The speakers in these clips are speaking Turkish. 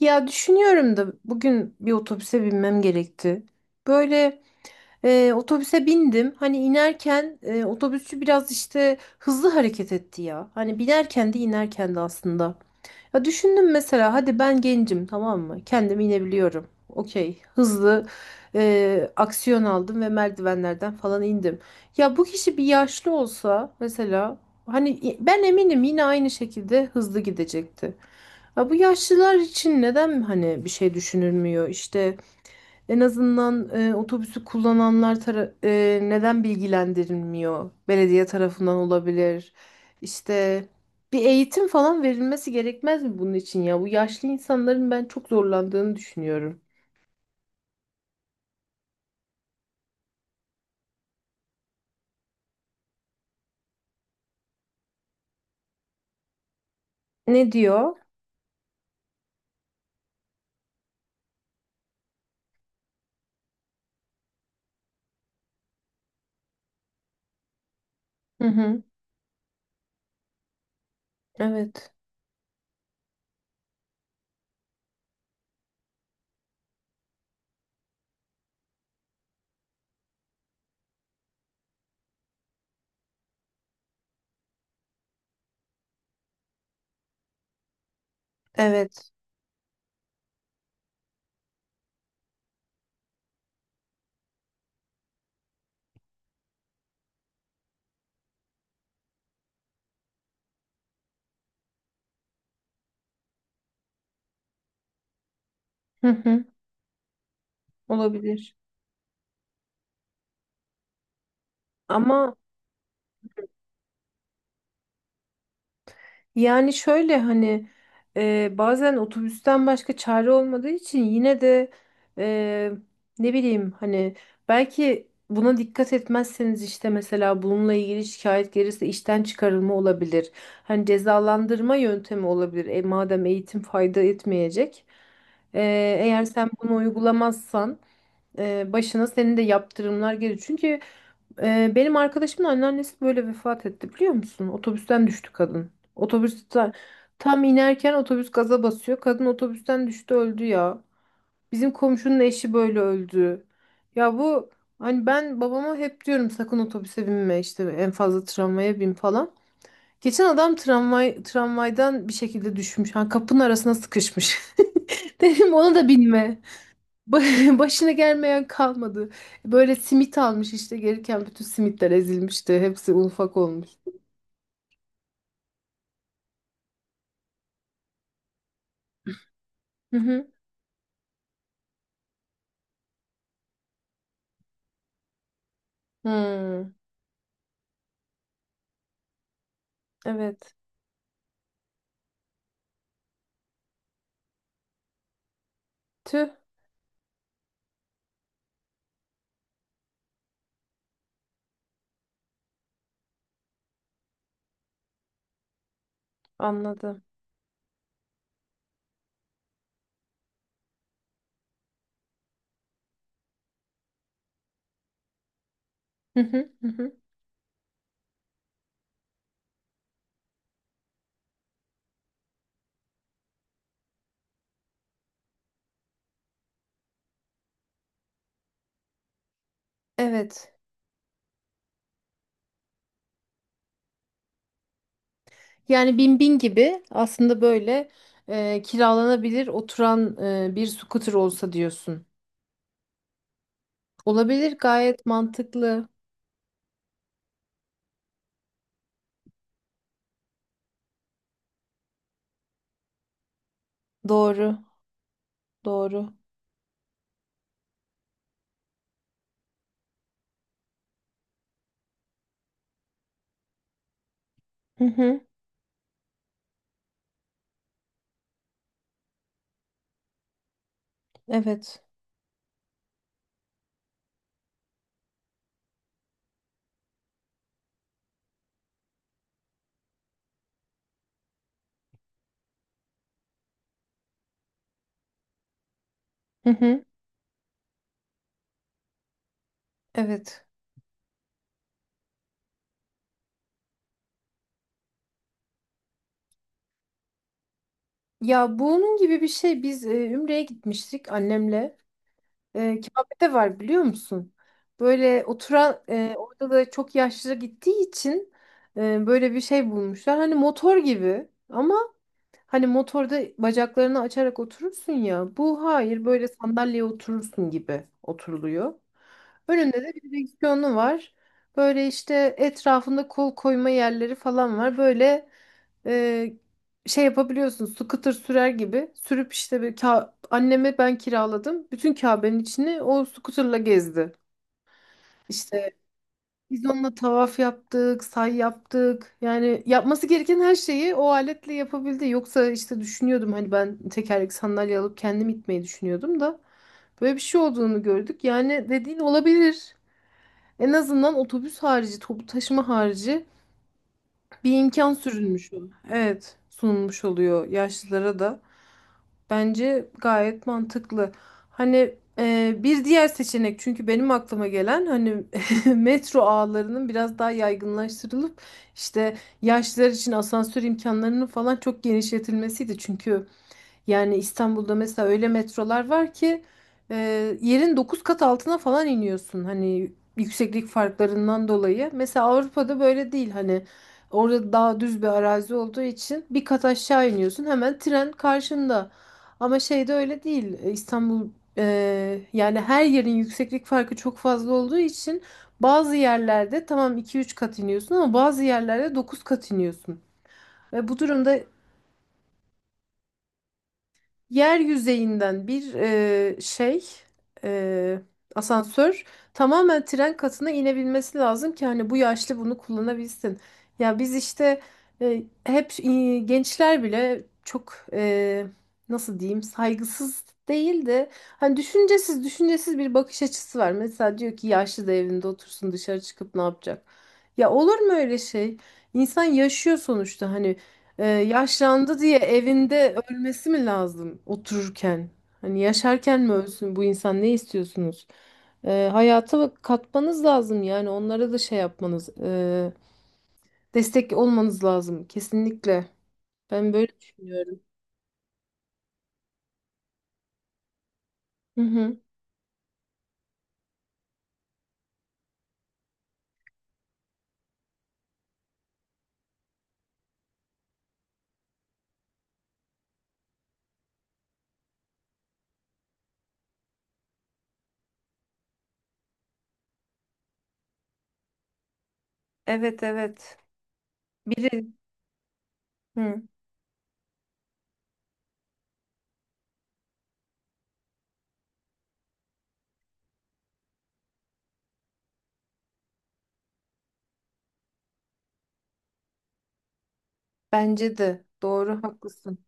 Ya düşünüyorum da bugün bir otobüse binmem gerekti. Böyle otobüse bindim. Hani inerken otobüsçü biraz işte hızlı hareket etti ya. Hani binerken de inerken de aslında. Ya düşündüm mesela, hadi ben gencim, tamam mı? Kendim inebiliyorum. Okey. Hızlı aksiyon aldım ve merdivenlerden falan indim. Ya bu kişi bir yaşlı olsa mesela, hani ben eminim yine aynı şekilde hızlı gidecekti. Ya bu yaşlılar için neden hani bir şey düşünülmüyor? İşte en azından otobüsü kullananlar neden bilgilendirilmiyor? Belediye tarafından olabilir. İşte bir eğitim falan verilmesi gerekmez mi bunun için ya? Bu yaşlı insanların ben çok zorlandığını düşünüyorum. Ne diyor? Hı hı. Evet. Evet. Hı hı. Olabilir. Ama yani şöyle hani bazen otobüsten başka çare olmadığı için yine de e, ne bileyim hani, belki buna dikkat etmezseniz, işte mesela bununla ilgili şikayet gelirse işten çıkarılma olabilir. Hani cezalandırma yöntemi olabilir. Madem eğitim fayda etmeyecek. E, eğer sen bunu uygulamazsan başına senin de yaptırımlar geliyor. Çünkü benim arkadaşımın anneannesi böyle vefat etti, biliyor musun? Otobüsten düştü kadın. Otobüsten tam inerken otobüs gaza basıyor. Kadın otobüsten düştü, öldü ya. Bizim komşunun eşi böyle öldü. Ya bu, hani ben babama hep diyorum sakın otobüse binme, işte en fazla tramvaya bin falan. Geçen adam tramvaydan bir şekilde düşmüş. Ha, kapının arasına sıkışmış. Dedim, ona da binme. Başına gelmeyen kalmadı. Böyle simit almış işte gelirken, bütün simitler ezilmişti. Hepsi un ufak olmuş. Hı hı. Hmm, evet. Tüh, anladım. Hı hı, hı hı. Evet. Yani bin bin gibi aslında, böyle kiralanabilir oturan bir scooter olsa diyorsun. Olabilir, gayet mantıklı. Doğru. Doğru. Hı hı. Evet. Hı hı. Evet. Ya bunun gibi bir şey biz Ümre'ye gitmiştik annemle. Kabe'de var, biliyor musun? Böyle oturan, orada da çok yaşlı gittiği için böyle bir şey bulmuşlar. Hani motor gibi, ama hani motorda bacaklarını açarak oturursun ya. Bu hayır, böyle sandalyeye oturursun gibi oturuluyor. Önünde de bir direksiyonu var. Böyle işte etrafında kol koyma yerleri falan var. Böyle e, şey yapabiliyorsun, scooter sürer gibi. Sürüp işte bir anneme ben kiraladım. Bütün Kabe'nin içini o scooterla gezdi. İşte biz onunla tavaf yaptık, say yaptık. Yani yapması gereken her şeyi o aletle yapabildi. Yoksa işte düşünüyordum, hani ben tekerlekli sandalye alıp kendim itmeyi düşünüyordum da böyle bir şey olduğunu gördük. Yani dediğin olabilir. En azından otobüs harici, toplu taşıma harici bir imkan sürülmüş oluyor. Evet, sunulmuş oluyor yaşlılara da. Bence gayet mantıklı. Hani bir diğer seçenek, çünkü benim aklıma gelen hani metro ağlarının biraz daha yaygınlaştırılıp işte yaşlılar için asansör imkanlarının falan çok genişletilmesiydi. Çünkü yani İstanbul'da mesela öyle metrolar var ki e, yerin 9 kat altına falan iniyorsun. Hani yükseklik farklarından dolayı. Mesela Avrupa'da böyle değil. Hani orada daha düz bir arazi olduğu için bir kat aşağı iniyorsun. Hemen tren karşında. Ama şeyde öyle değil. İstanbul, e, yani her yerin yükseklik farkı çok fazla olduğu için bazı yerlerde tamam 2-3 kat iniyorsun ama bazı yerlerde 9 kat iniyorsun. Ve bu durumda yer yüzeyinden bir şey, e, asansör tamamen tren katına inebilmesi lazım ki hani bu yaşlı bunu kullanabilsin. Ya biz işte hep gençler bile çok, nasıl diyeyim, saygısız değil de hani düşüncesiz düşüncesiz bir bakış açısı var. Mesela diyor ki yaşlı da evinde otursun, dışarı çıkıp ne yapacak? Ya olur mu öyle şey? İnsan yaşıyor sonuçta hani. Yaşlandı diye evinde ölmesi mi lazım otururken? Hani yaşarken mi ölsün bu insan, ne istiyorsunuz? Hayata katmanız lazım yani onlara da, şey yapmanız, destek olmanız lazım kesinlikle. Ben böyle düşünüyorum. Hı hı. Evet evet. Biri, hı. Bence de doğru, haklısın.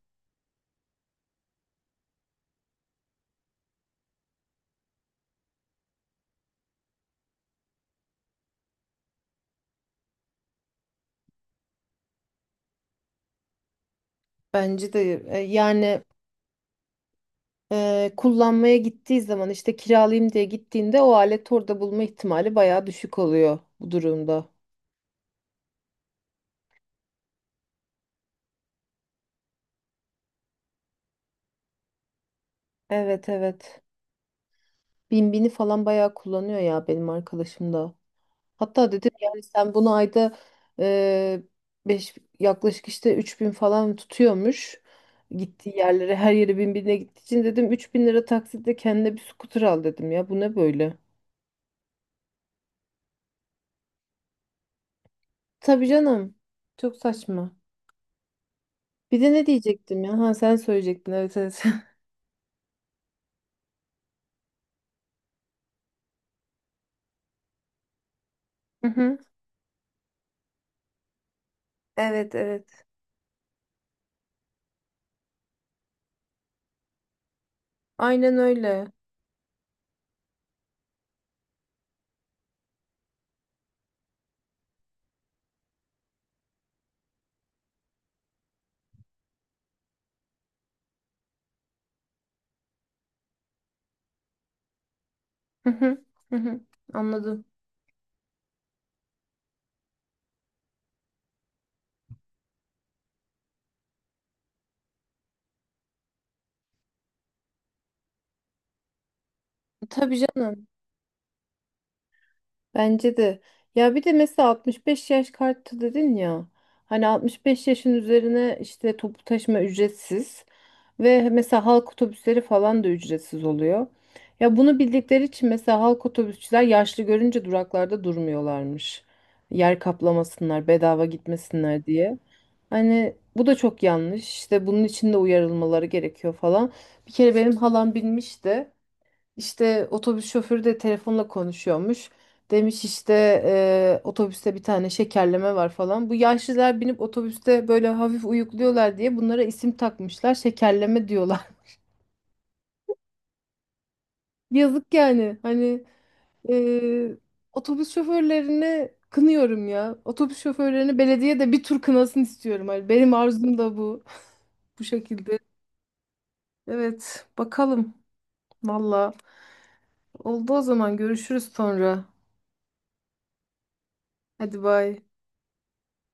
Bence de yani kullanmaya gittiği zaman, işte kiralayayım diye gittiğinde, o alet orada bulma ihtimali bayağı düşük oluyor bu durumda. Evet evet. Binbini falan bayağı kullanıyor ya benim arkadaşım da. Hatta dedim yani sen bunu ayda e, beş, yaklaşık işte 3.000 falan tutuyormuş. Gittiği yerlere, her yere Binbin'e gittiği için dedim 3.000 lira taksitle kendine bir scooter al, dedim ya bu ne böyle. Tabii canım. Çok saçma. Bir de ne diyecektim ya? Ha, sen söyleyecektin. Evet evet. Hı hı. Evet evet. Aynen öyle. Hı hı. Hı hı. Anladım. Tabii canım. Bence de. Ya bir de mesela 65 yaş kartı dedin ya. Hani 65 yaşın üzerine işte toplu taşıma ücretsiz ve mesela halk otobüsleri falan da ücretsiz oluyor. Ya bunu bildikleri için mesela halk otobüsçüler yaşlı görünce duraklarda durmuyorlarmış. Yer kaplamasınlar, bedava gitmesinler diye. Hani bu da çok yanlış. İşte bunun için de uyarılmaları gerekiyor falan. Bir kere benim halam binmiş de işte otobüs şoförü de telefonla konuşuyormuş. Demiş işte otobüste bir tane şekerleme var falan. Bu yaşlılar binip otobüste böyle hafif uyukluyorlar diye bunlara isim takmışlar. Şekerleme diyorlar. Yazık yani. Hani eee, otobüs şoförlerini kınıyorum ya. Otobüs şoförlerini belediye de bir tur kınasın istiyorum. Hani benim arzum da bu. Bu şekilde. Evet, bakalım. Valla. Oldu o zaman, görüşürüz sonra. Hadi bay.